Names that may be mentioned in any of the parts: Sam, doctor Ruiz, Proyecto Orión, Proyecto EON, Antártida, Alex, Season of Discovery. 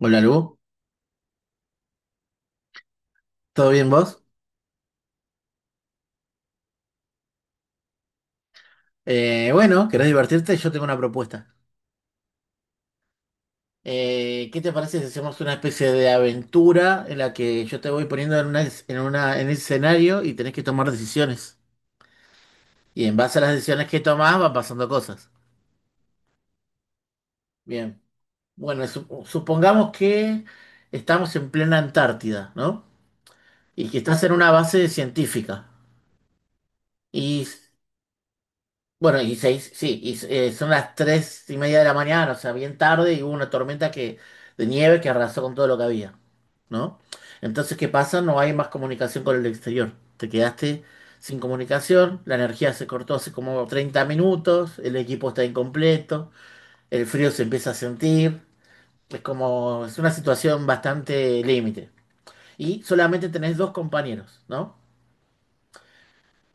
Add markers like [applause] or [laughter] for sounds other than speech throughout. Hola Lu, ¿todo bien vos? Bueno, ¿querés divertirte? Yo tengo una propuesta. ¿Qué te parece si hacemos una especie de aventura en la que yo te voy poniendo en una, en el escenario y tenés que tomar decisiones? Y en base a las decisiones que tomás van pasando cosas. Bien, bueno, supongamos que estamos en plena Antártida, ¿no? Y que estás en una base científica. Y bueno, y seis, sí, y son las 3:30 de la mañana, o sea, bien tarde, y hubo una tormenta de nieve que arrasó con todo lo que había, ¿no? Entonces, ¿qué pasa? No hay más comunicación con el exterior. Te quedaste sin comunicación, la energía se cortó hace como 30 minutos, el equipo está incompleto, el frío se empieza a sentir, es como, es una situación bastante límite. Y solamente tenés dos compañeros, ¿no?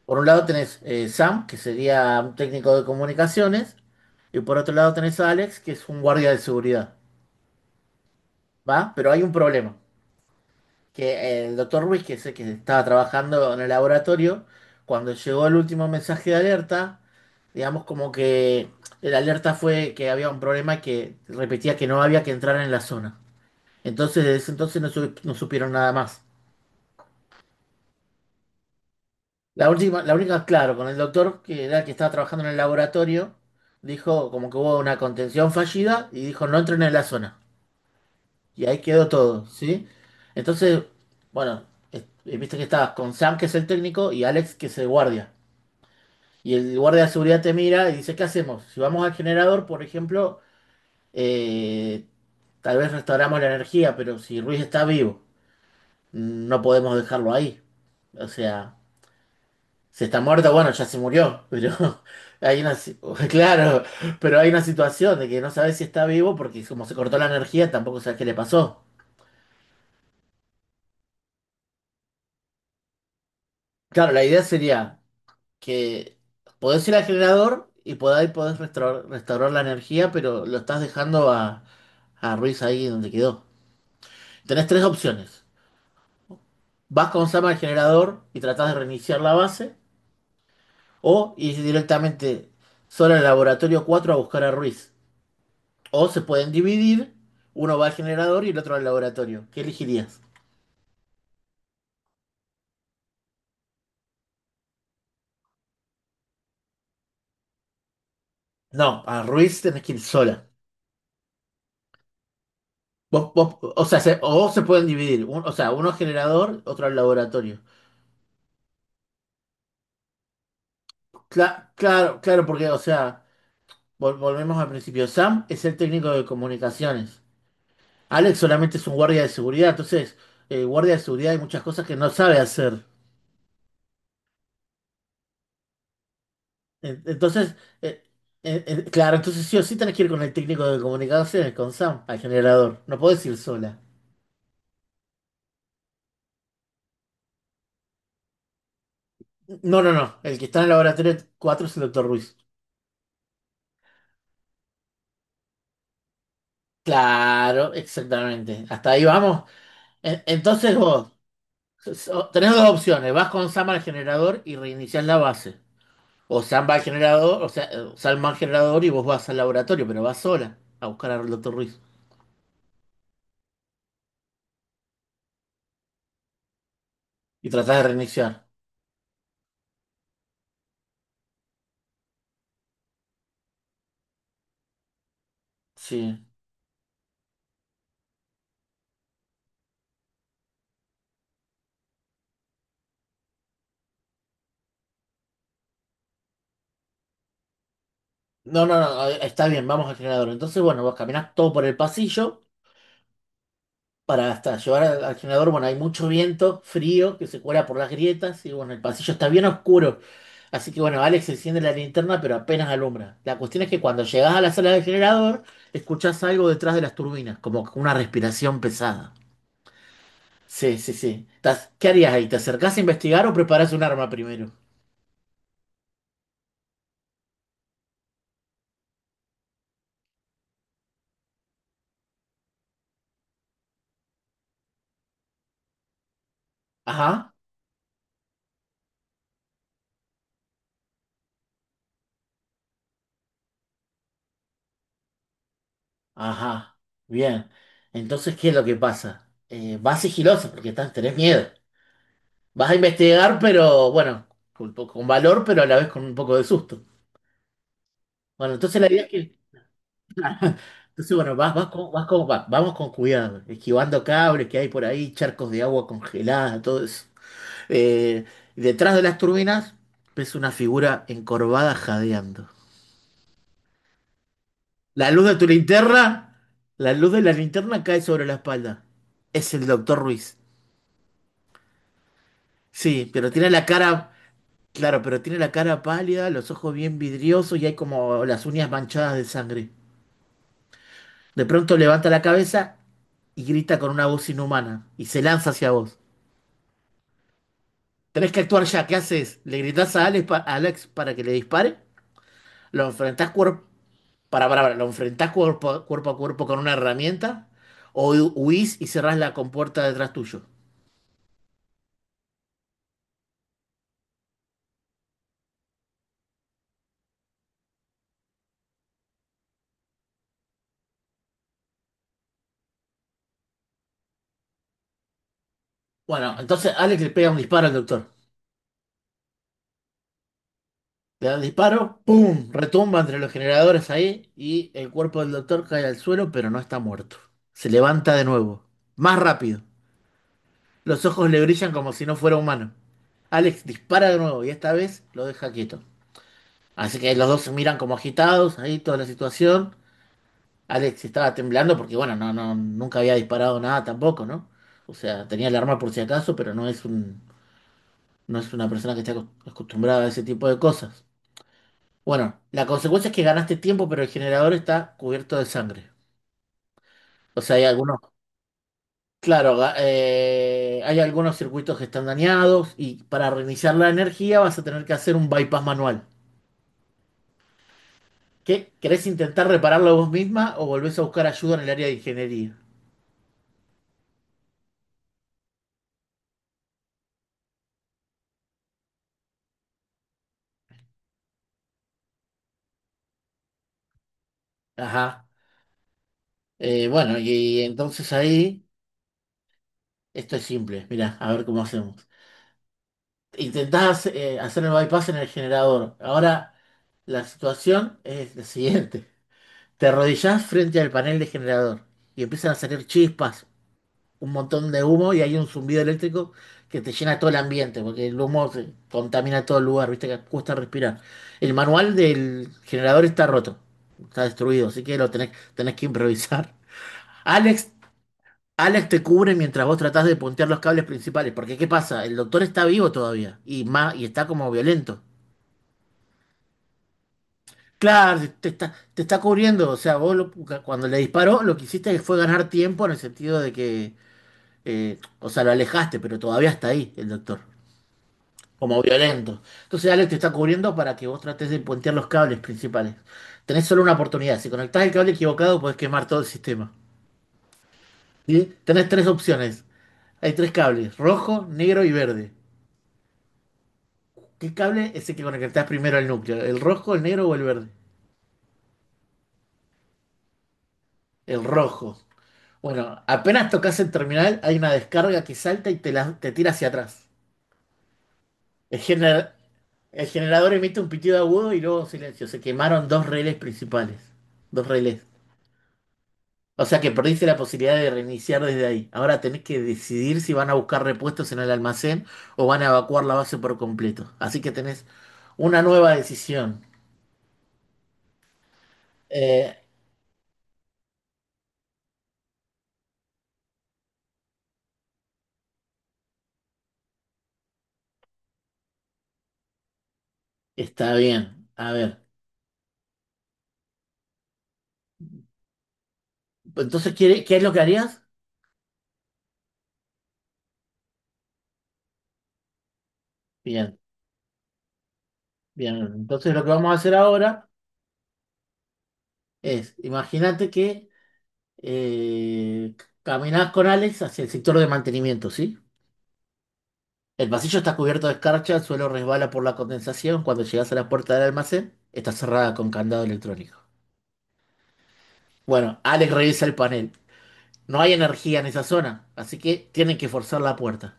Por un lado tenés Sam, que sería un técnico de comunicaciones, y por otro lado tenés a Alex, que es un guardia de seguridad, ¿va? Pero hay un problema, que el doctor Ruiz, que es el que estaba trabajando en el laboratorio, cuando llegó el último mensaje de alerta, digamos como que el alerta fue que había un problema que repetía que no había que entrar en la zona. Entonces, desde ese entonces no, no supieron nada más. La última, la única, claro, con el doctor que era el que estaba trabajando en el laboratorio, dijo como que hubo una contención fallida y dijo no entren en la zona. Y ahí quedó todo, ¿sí? Entonces, bueno, viste que estabas con Sam, que es el técnico, y Alex, que es el guardia. Y el guardia de seguridad te mira y dice, ¿qué hacemos? Si vamos al generador, por ejemplo, eh, tal vez restauramos la energía, pero si Ruiz está vivo, no podemos dejarlo ahí. O sea. Si está muerto, bueno, ya se murió, pero [laughs] hay una, si- [laughs] claro, pero hay una situación de que no sabes si está vivo porque como se cortó la energía, tampoco sabes qué le pasó. Claro, la idea sería que podés ir al generador y podés restaurar la energía, pero lo estás dejando a, Ruiz ahí donde quedó. Tenés tres opciones. Vas con Sama al generador y tratás de reiniciar la base, o ir directamente solo al laboratorio 4 a buscar a Ruiz. O se pueden dividir, uno va al generador y el otro al laboratorio. ¿Qué elegirías? No, a Ruiz tenés que ir sola. O sea, o se pueden dividir, o sea, uno al generador, otro al laboratorio. Claro, claro, porque, o sea, volvemos al principio. Sam es el técnico de comunicaciones. Alex solamente es un guardia de seguridad, entonces, guardia de seguridad hay muchas cosas que no sabe hacer. Entonces, eh, claro, entonces sí o sí tenés que ir con el técnico de comunicaciones, con Sam, al generador. No podés ir sola. No, no, no. El que está en el laboratorio 4 es el doctor Ruiz. Claro, exactamente. Hasta ahí vamos. Entonces vos tenés dos opciones. Vas con Sam al generador y reiniciás la base. O Sam va al generador, o sea, Sam va al generador y vos vas al laboratorio, pero vas sola a buscar al doctor Ruiz. Y tratás de reiniciar. Sí. No, no, no. Está bien, vamos al generador. Entonces, bueno, vos caminás todo por el pasillo, para hasta llevar al generador, bueno, hay mucho viento, frío, que se cuela por las grietas y bueno, el pasillo está bien oscuro. Así que bueno, Alex enciende la linterna, pero apenas alumbra. La cuestión es que cuando llegas a la sala del generador, escuchás algo detrás de las turbinas, como una respiración pesada. Sí, sí, sí. ¿Qué harías ahí? ¿Te acercás a investigar o preparás un arma primero? Ajá, ajá. Bien. Entonces, ¿qué es lo que pasa? Vas sigiloso porque tenés miedo. Vas a investigar, pero bueno, con valor, pero a la vez con un poco de susto. Bueno, entonces la idea es que, entonces bueno, vamos con cuidado, esquivando cables que hay por ahí, charcos de agua congelada, todo eso. Eh, Detrás de las turbinas ves una figura encorvada jadeando. La luz de tu linterna, la luz de la linterna cae sobre la espalda. Es el doctor Ruiz. Sí, claro, pero tiene la cara pálida, los ojos bien vidriosos y hay como las uñas manchadas de sangre. De pronto levanta la cabeza y grita con una voz inhumana y se lanza hacia vos. Tenés que actuar ya, ¿qué haces? ¿Le gritás a Alex, para que le dispare? ¿Lo enfrentás cuerpo ¿Lo enfrentás cuerpo, a- cuerpo a cuerpo con una herramienta? ¿O huís y cerrás la compuerta detrás tuyo? Bueno, entonces Alex le pega un disparo al doctor. Le da un disparo, ¡pum! Retumba entre los generadores ahí y el cuerpo del doctor cae al suelo, pero no está muerto. Se levanta de nuevo, más rápido. Los ojos le brillan como si no fuera humano. Alex dispara de nuevo y esta vez lo deja quieto. Así que los dos se miran como agitados, ahí toda la situación. Alex estaba temblando porque, bueno, no, no, nunca había disparado nada tampoco, ¿no? O sea, tenía el arma por si acaso, pero no es una persona que esté acostumbrada a ese tipo de cosas. Bueno, la consecuencia es que ganaste tiempo, pero el generador está cubierto de sangre. O sea. Hay algunos Claro, hay algunos circuitos que están dañados y para reiniciar la energía vas a tener que hacer un bypass manual. ¿Qué? ¿Querés intentar repararlo vos misma o volvés a buscar ayuda en el área de ingeniería? Ajá. Bueno, y, entonces ahí, esto es simple. Mirá, a ver cómo hacemos. Intentás hacer el bypass en el generador. Ahora, la situación es la siguiente. Te arrodillás frente al panel de generador y empiezan a salir chispas, un montón de humo y hay un zumbido eléctrico que te llena todo el ambiente, porque el humo se contamina todo el lugar, viste que cuesta respirar. El manual del generador está roto, está destruido, así que tenés que improvisar. Alex, Alex te cubre mientras vos tratás de puntear los cables principales, porque ¿qué pasa? El doctor está vivo todavía y está como violento. Claro, te está cubriendo, o sea, Cuando le disparó lo que hiciste fue ganar tiempo en el sentido de que, o sea, lo alejaste, pero todavía está ahí el doctor. Como violento. Entonces Alex te está cubriendo para que vos trates de puentear los cables principales. Tenés solo una oportunidad. Si conectás el cable equivocado, podés quemar todo el sistema. ¿Sí? Tenés tres opciones. Hay tres cables, rojo, negro y verde. ¿Qué cable es el que conectás primero al núcleo? ¿El rojo, el negro o el verde? El rojo. Bueno, apenas tocas el terminal, hay una descarga que salta y te tira hacia atrás. El, gener- el generador emite un pitido agudo y luego silencio. Se quemaron dos relés principales. Dos relés. O sea que perdiste la posibilidad de reiniciar desde ahí. Ahora tenés que decidir si van a buscar repuestos en el almacén o van a evacuar la base por completo. Así que tenés una nueva decisión. Eh, está bien. A ver. Entonces, ¿qué es lo que harías? Bien, bien. Entonces lo que vamos a hacer ahora es, imagínate que eh, caminás con Alex hacia el sector de mantenimiento, ¿sí? El pasillo está cubierto de escarcha, el suelo resbala por la condensación. Cuando llegas a la puerta del almacén, está cerrada con candado electrónico. Bueno, Alex revisa el panel. No hay energía en esa zona, así que tienen que forzar la puerta.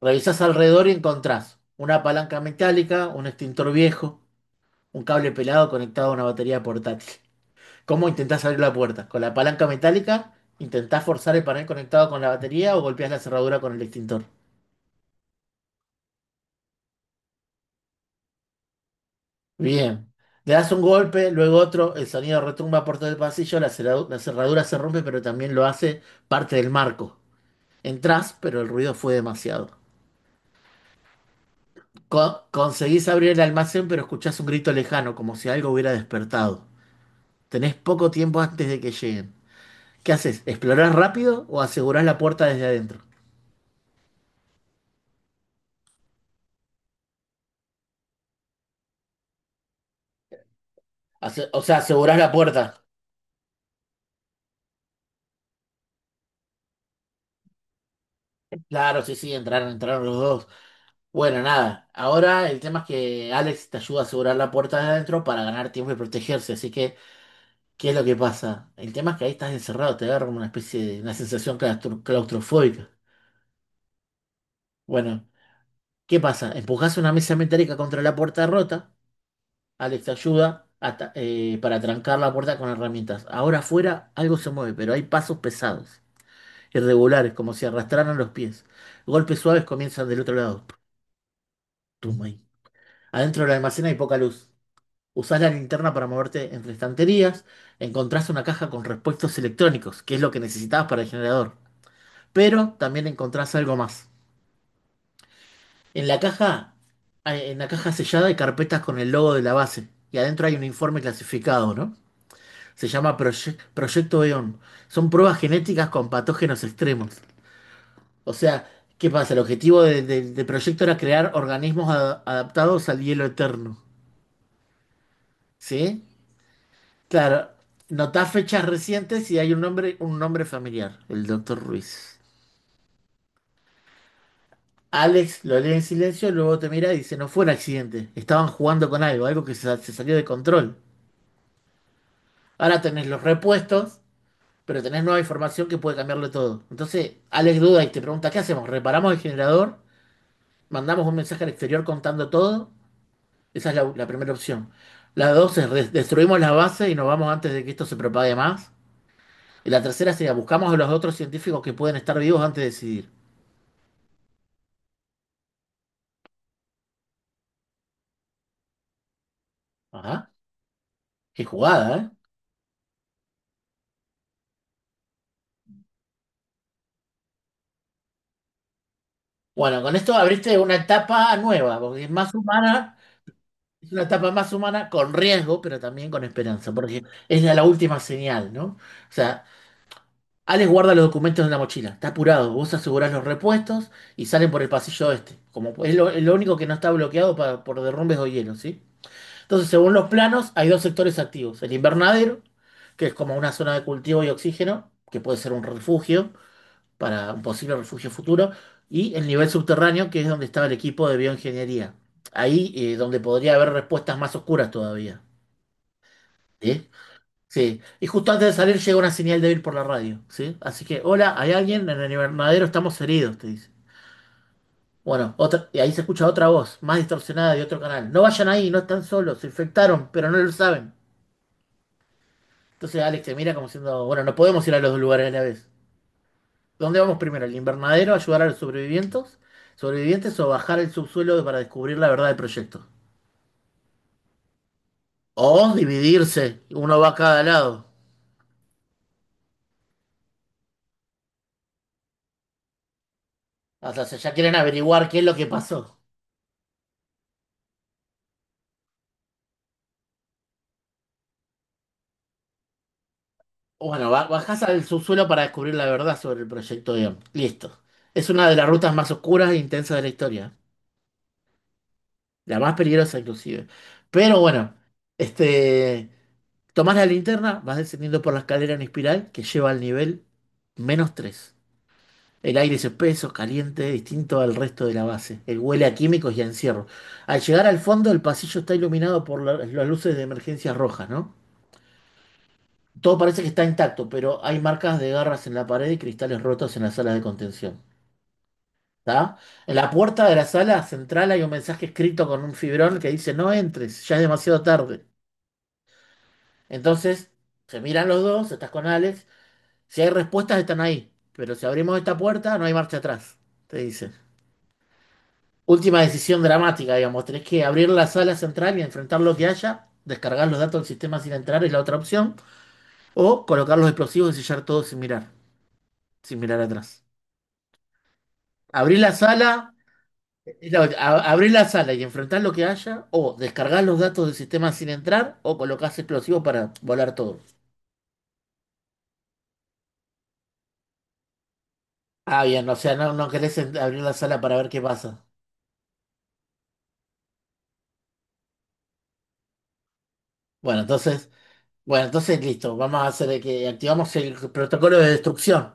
Revisás alrededor y encontrás una palanca metálica, un extintor viejo, un cable pelado conectado a una batería portátil. ¿Cómo intentás abrir la puerta? ¿Con la palanca metálica? ¿Intentás forzar el panel conectado con la batería o golpeás la cerradura con el extintor? Bien. Le das un golpe, luego otro, el sonido retumba por todo el pasillo, la cerradura se rompe, pero también lo hace parte del marco. Entrás, pero el ruido fue demasiado. Conseguís abrir el almacén, pero escuchás un grito lejano, como si algo hubiera despertado. Tenés poco tiempo antes de que lleguen. ¿Qué haces? ¿Explorás rápido o asegurás la puerta desde adentro? O sea, asegurás la puerta. Claro, sí, sí, entraron los dos. Bueno, nada. Ahora el tema es que Alex te ayuda a asegurar la puerta de adentro para ganar tiempo y protegerse. Así que, ¿qué es lo que pasa? El tema es que ahí estás encerrado, te agarra una especie de una sensación claustrofóbica. Bueno, ¿qué pasa? Empujás una mesa metálica contra la puerta rota. Alex ayuda a para trancar la puerta con herramientas. Ahora afuera algo se mueve, pero hay pasos pesados, irregulares, como si arrastraran los pies. Golpes suaves comienzan del otro lado. Tum, ahí. Adentro del almacén hay poca luz. Usás la linterna para moverte entre estanterías. Encontrás una caja con repuestos electrónicos, que es lo que necesitabas para el generador. Pero también encontrás algo más. En la caja, en la caja sellada hay carpetas con el logo de la base. Y adentro hay un informe clasificado, ¿no? Se llama Proyecto EON. Son pruebas genéticas con patógenos extremos. O sea, ¿qué pasa? El objetivo del proyecto era crear organismos adaptados al hielo eterno. ¿Sí? Claro, notá fechas recientes y hay un nombre familiar, el doctor Ruiz. Alex lo lee en silencio, luego te mira y dice, no fue un accidente, estaban jugando con algo, algo que se salió de control. Ahora tenés los repuestos, pero tenés nueva información que puede cambiarlo todo. Entonces, Alex duda y te pregunta, ¿qué hacemos? ¿Reparamos el generador? Mandamos un mensaje al exterior contando todo. Esa es la primera opción. La dos es destruimos las bases y nos vamos antes de que esto se propague más. Y la tercera sería buscamos a los otros científicos que pueden estar vivos antes de decidir. Ajá, qué jugada, ¿eh? Bueno, con esto abriste una etapa nueva, porque es más humana, es una etapa más humana con riesgo, pero también con esperanza, porque es la última señal, ¿no? O sea, Alex guarda los documentos en la mochila, está apurado. Vos asegurás los repuestos y salen por el pasillo este. Como es lo único que no está bloqueado por derrumbes o hielo, ¿sí? Entonces, según los planos, hay dos sectores activos. El invernadero, que es como una zona de cultivo y oxígeno, que puede ser un refugio para un posible refugio futuro, y el nivel subterráneo, que es donde estaba el equipo de bioingeniería. Ahí donde podría haber respuestas más oscuras todavía. ¿Sí? Sí, y justo antes de salir llega una señal débil por la radio, ¿sí? Así que, hola, ¿hay alguien? En el invernadero estamos heridos, te dice. Bueno, otra, y ahí se escucha otra voz, más distorsionada de otro canal. No vayan ahí, no están solos, se infectaron, pero no lo saben. Entonces Alex te mira como diciendo, bueno, no podemos ir a los dos lugares a la vez. ¿Dónde vamos primero? ¿El invernadero, ayudar a los sobrevivientes? ¿Sobrevivientes o bajar el subsuelo para descubrir la verdad del proyecto? O dividirse, uno va a cada lado. O sea, ya quieren averiguar qué es lo que pasó. Bueno, bajás al subsuelo para descubrir la verdad sobre el proyecto Orión. Listo. Es una de las rutas más oscuras e intensas de la historia. La más peligrosa, inclusive. Pero bueno, este, tomás la linterna, vas descendiendo por la escalera en espiral que lleva al nivel menos 3. El aire es espeso, caliente, distinto al resto de la base. El huele a químicos y a encierro. Al llegar al fondo, el pasillo está iluminado por las luces de emergencia rojas, ¿no? Todo parece que está intacto, pero hay marcas de garras en la pared y cristales rotos en la sala de contención. ¿Está? En la puerta de la sala central hay un mensaje escrito con un fibrón que dice: No entres, ya es demasiado tarde. Entonces, se miran los dos, estás con Alex. Si hay respuestas, están ahí. Pero si abrimos esta puerta, no hay marcha atrás, te dice. Última decisión dramática, digamos. Tenés que abrir la sala central y enfrentar lo que haya, descargar los datos del sistema sin entrar es la otra opción, o colocar los explosivos y sellar todo sin mirar, sin mirar atrás. Abrí la sala, no, abrí la sala y enfrentar lo que haya, o descargar los datos del sistema sin entrar, o colocás explosivos para volar todo. Ah, bien, o sea, no, no querés abrir la sala para ver qué pasa. Bueno, entonces, bueno, entonces listo, vamos a hacer que activamos el protocolo de destrucción.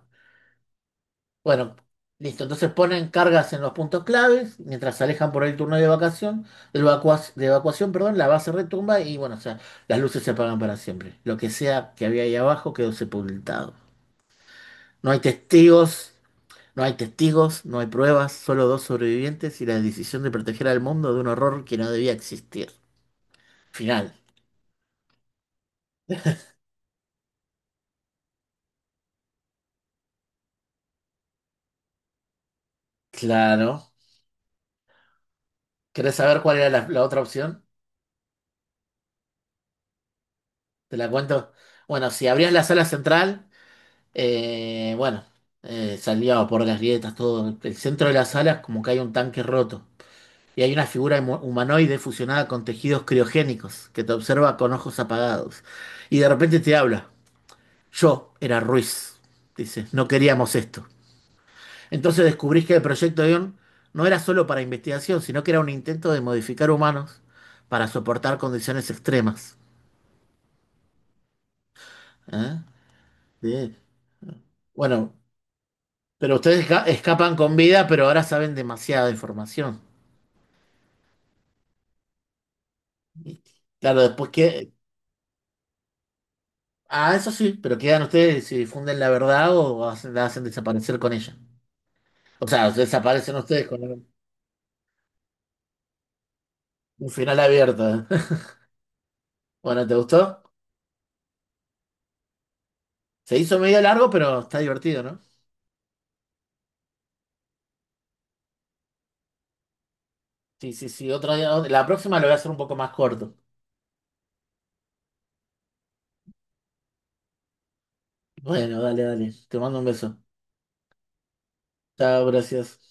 Bueno, listo, entonces ponen cargas en los puntos claves, mientras se alejan por el turno de evacuación, de evacuación, perdón, la base retumba y bueno, o sea, las luces se apagan para siempre. Lo que sea que había ahí abajo quedó sepultado. No hay testigos, no hay testigos, no hay pruebas, solo dos sobrevivientes y la decisión de proteger al mundo de un horror que no debía existir. Final. Claro. ¿Querés saber cuál era la otra opción? Te la cuento. Bueno, si abrías la sala central, eh, bueno, salía por las grietas, todo. El centro de la sala es como que hay un tanque roto. Y hay una figura humanoide fusionada con tejidos criogénicos que te observa con ojos apagados. Y de repente te habla. Yo era Ruiz, dice, no queríamos esto. Entonces descubrís que el proyecto Ion no era solo para investigación, sino que era un intento de modificar humanos para soportar condiciones extremas. ¿Eh? Sí. Bueno, pero ustedes escapan con vida, pero ahora saben demasiada información. Y, claro, después que... Ah, eso sí, pero quedan ustedes si difunden la verdad o la hacen desaparecer con ella. O sea, desaparecen ustedes con un final abierto. [laughs] Bueno, ¿te gustó? Se hizo medio largo, pero está divertido, ¿no? Sí, sí, sí, otro día. La próxima lo voy a hacer un poco más corto. Bueno, dale, dale. Te mando un beso. Chao, gracias.